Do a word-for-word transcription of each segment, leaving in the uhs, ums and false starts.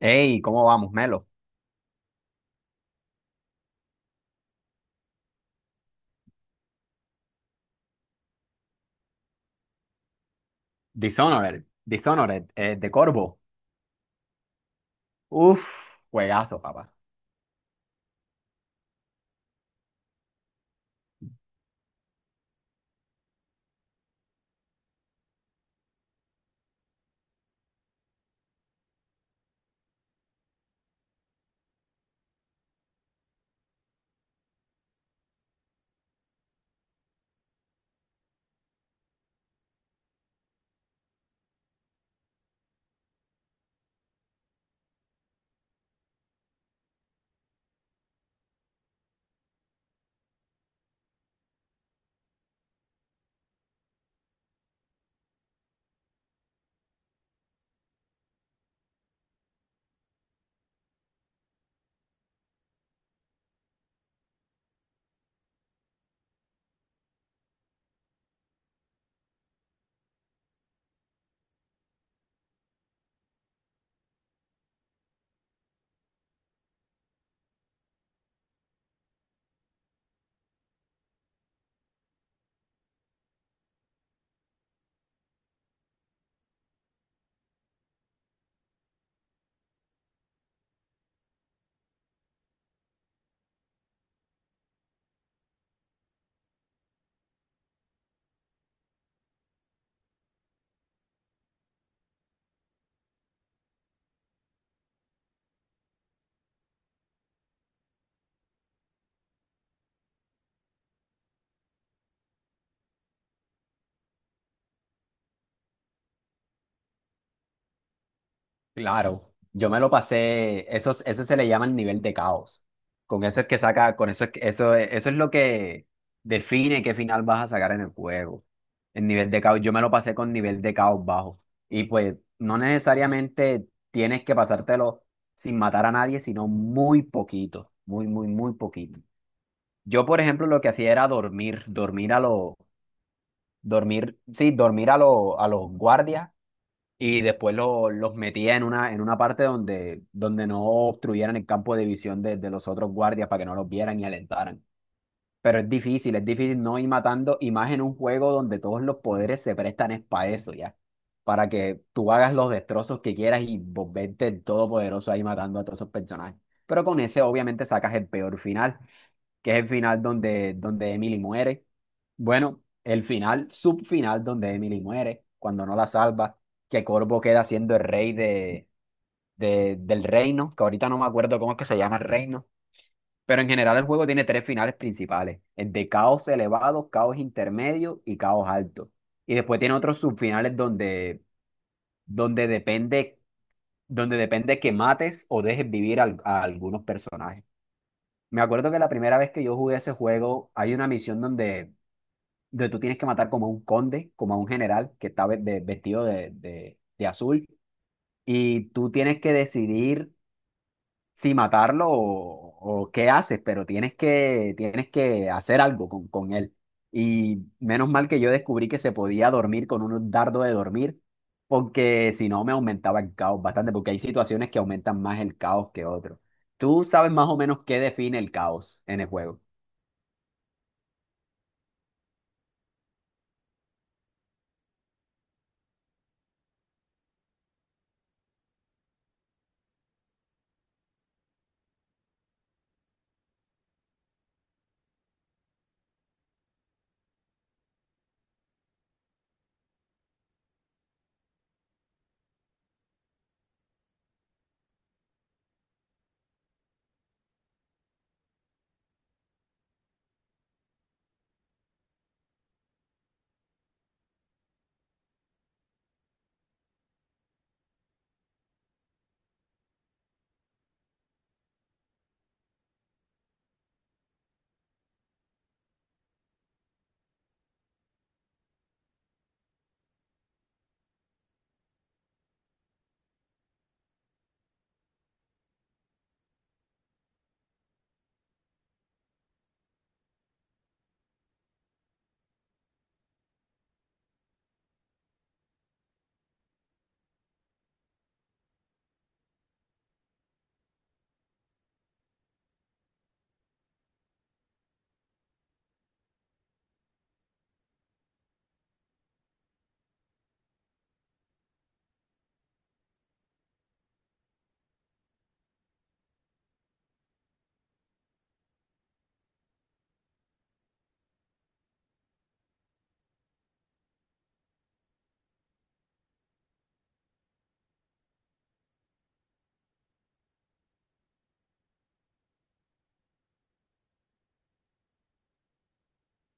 Hey, ¿cómo vamos, Melo? Dishonored, Dishonored, eh, de Corvo. Uf, juegazo, papá. Claro, yo me lo pasé, eso, es- ese se le llama el nivel de caos. Con eso es que saca, con eso es que, eso, es- eso es lo que define qué final vas a sacar en el juego. El nivel de caos, yo me lo pasé con nivel de caos bajo. Y pues no necesariamente tienes que pasártelo sin matar a nadie, sino muy poquito, muy, muy, muy poquito. Yo, por ejemplo, lo que hacía era dormir, dormir a lo Dormir, sí, dormir a, lo- a los guardias y después lo- los metía en una, en una parte donde, donde no obstruyeran el campo de visión de, de los otros guardias para que no los vieran y alentaran. Pero es difícil, es difícil no ir matando y más en un juego donde todos los poderes se prestan es para eso, ya. Para que tú hagas los destrozos que quieras y volverte el todopoderoso ahí matando a todos esos personajes. Pero con ese obviamente sacas el peor final que es el final donde, donde Emily muere. Bueno, el final, subfinal donde Emily muere, cuando no la salva, que Corvo queda siendo el rey de, de- del reino, que ahorita no me acuerdo cómo es que se llama el reino, pero en general el juego tiene tres finales principales, el de caos elevado, caos intermedio y caos alto. Y después tiene otros subfinales donde, donde depende, donde depende que mates o dejes vivir al- a algunos personajes. Me acuerdo que la primera vez que yo jugué ese juego, hay una misión donde donde tú tienes que matar como a un conde, como a un general que está ve- de- vestido de, de- de azul, y tú tienes que decidir si matarlo o, o qué haces, pero tienes que, tienes que hacer algo con, con él. Y menos mal que yo descubrí que se podía dormir con un dardo de dormir, porque si no me aumentaba el caos bastante, porque hay situaciones que aumentan más el caos que otros. Tú sabes más o menos qué define el caos en el juego.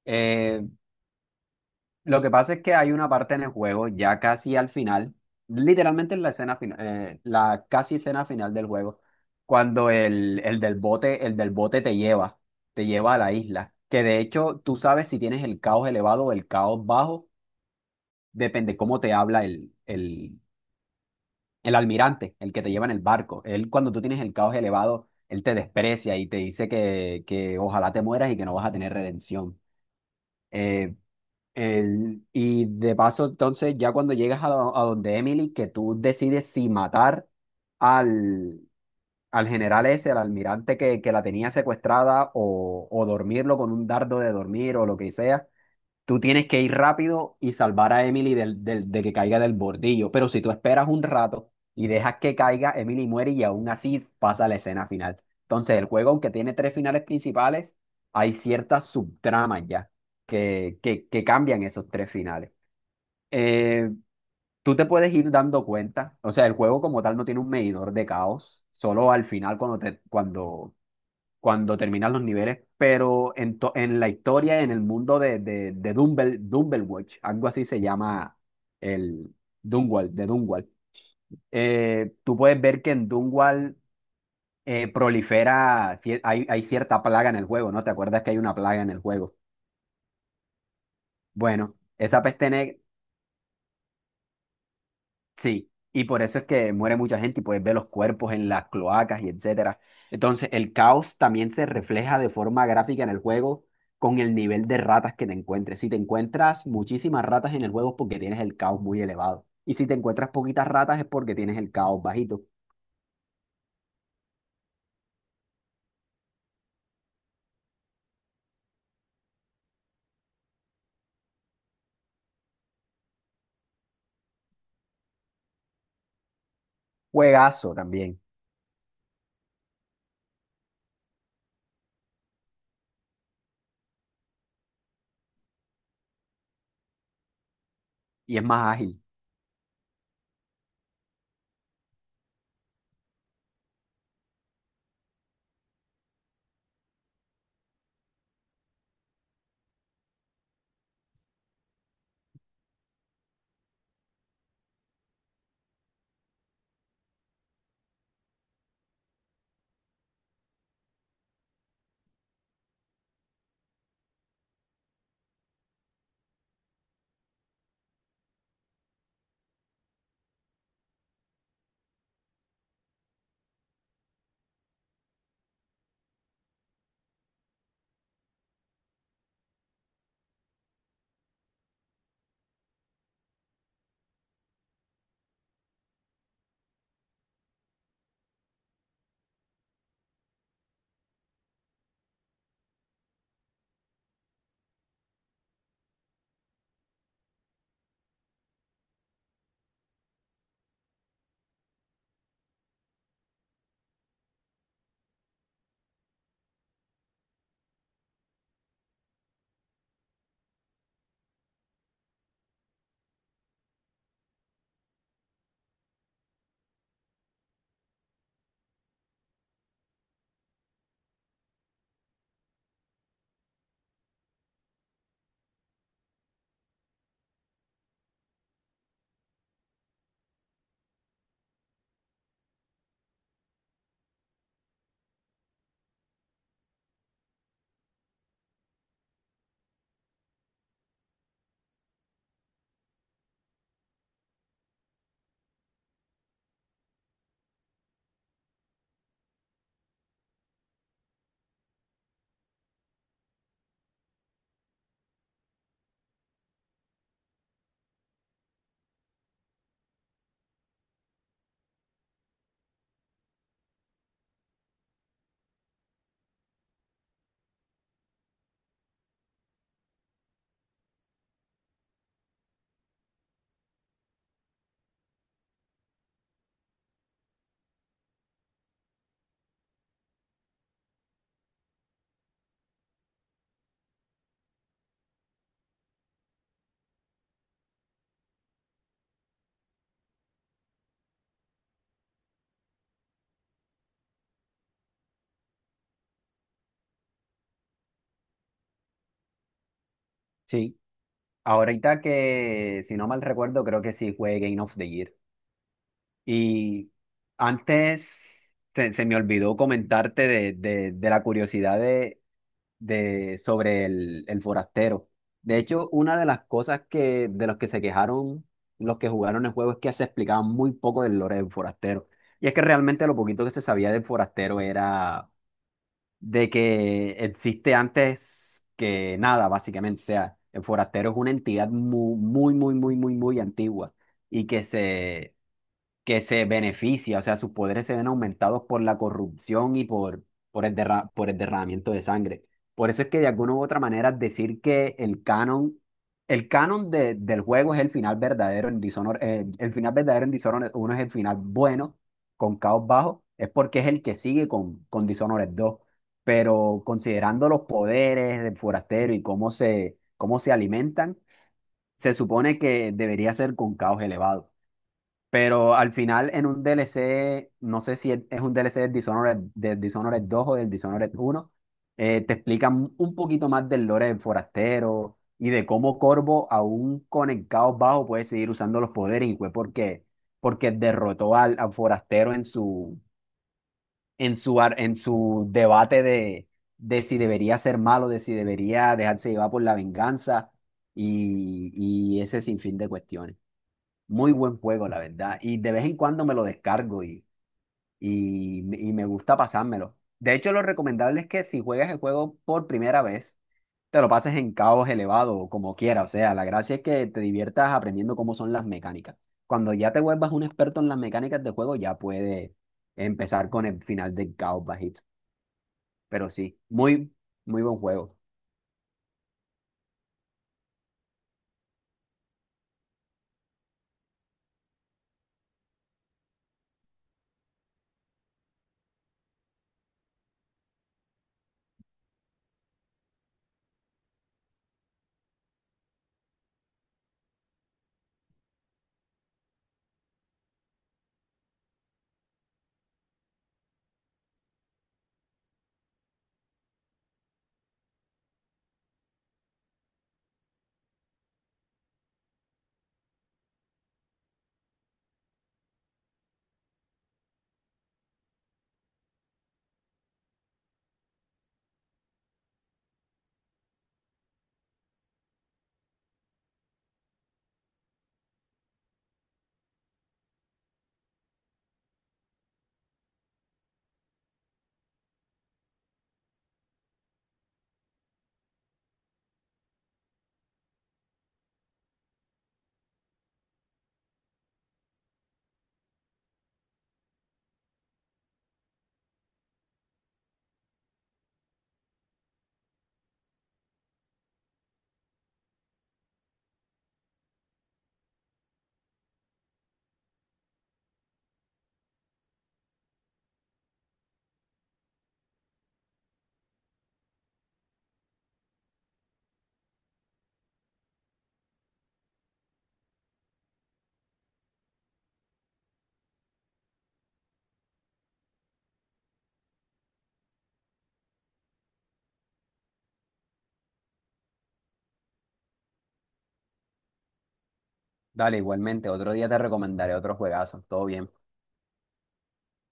Eh, Lo que pasa es que hay una parte en el juego, ya casi al final, literalmente en la escena final, la casi escena final del juego, cuando el, el del bote, el del bote te lleva, te lleva a la isla. Que de hecho tú sabes si tienes el caos elevado o el caos bajo, depende cómo te habla el, el, el almirante, el que te lleva en el barco. Él, cuando tú tienes el caos elevado, él te desprecia y te dice que, que ojalá te mueras y que no vas a tener redención. Eh, el- y de paso, entonces, ya cuando llegas a, do- a donde Emily, que tú decides si matar al, al general ese, al almirante que, que la tenía secuestrada, o, o dormirlo con un dardo de dormir o lo que sea, tú tienes que ir rápido y salvar a Emily del, del- de que caiga del bordillo. Pero si tú esperas un rato y dejas que caiga, Emily muere y aún así pasa la escena final. Entonces, el juego, aunque tiene tres finales principales, hay ciertas subtramas ya que, que, que cambian esos tres finales. Eh, tú te puedes ir dando cuenta, o sea, el juego como tal no tiene un medidor de caos, solo al final cuando te, cuando cuando terminan los niveles, pero en, to- en la historia, en el mundo de, de, de Dumble, Dumblewatch, algo así se llama el Dunwall, de Dunwall. Eh, tú puedes ver que en Dunwall eh, prolifera, cier- hay, hay cierta plaga en el juego, ¿no? ¿Te acuerdas que hay una plaga en el juego? Bueno, esa peste, ne- sí, y por eso es que muere mucha gente y puedes ver los cuerpos en las cloacas y etcétera. Entonces, el caos también se refleja de forma gráfica en el juego con el nivel de ratas que te encuentres. Si te encuentras muchísimas ratas en el juego es porque tienes el caos muy elevado. Y si te encuentras poquitas ratas es porque tienes el caos bajito. Juegazo también. Y es más ágil. Sí. Ahorita que, si no mal recuerdo, creo que sí fue Game of the Year. Y antes se, se me olvidó comentarte de, de- de la curiosidad de, de- sobre el, el forastero. De hecho, una de las cosas que, de los que se quejaron los que jugaron el juego es que se explicaba muy poco del lore del forastero. Y es que realmente lo poquito que se sabía del forastero era de que existe antes que nada, básicamente. O sea, el forastero es una entidad muy, muy, muy, muy, muy, muy antigua y que se que se beneficia, o sea, sus poderes se ven aumentados por la corrupción y por, por el derra- por el derramamiento de sangre. Por eso es que de alguna u otra manera decir que el canon, el canon de- del juego es el final verdadero en Dishonored, eh, el final verdadero en Dishonored uno es el final bueno con Caos Bajo, es porque es el que sigue con, con Dishonored dos, pero considerando los poderes del forastero y cómo se, cómo se alimentan, se supone que debería ser con Caos elevado. Pero al final en un D L C, no sé si es es un D L C del Dishonored, del Dishonored dos o del Dishonored uno eh, te explican un poquito más del lore del forastero y de cómo Corvo, aún con el caos bajo, puede seguir usando los poderes y fue porque, porque derrotó al, al forastero en su, en su, ar- en su debate de, de si debería ser malo, de si debería dejarse llevar por la venganza y, y ese sinfín de cuestiones. Muy buen juego, la verdad. Y de vez en cuando me lo descargo y, y, y me gusta pasármelo. De hecho, lo recomendable es que si juegas el juego por primera vez, te lo pases en caos elevado o como quieras. O sea, la gracia es que te diviertas aprendiendo cómo son las mecánicas. Cuando ya te vuelvas un experto en las mecánicas de juego, ya puedes empezar con el final del caos bajito. Pero sí, muy, muy buen juego. Dale, igualmente, otro día te recomendaré otro juegazo. Todo bien.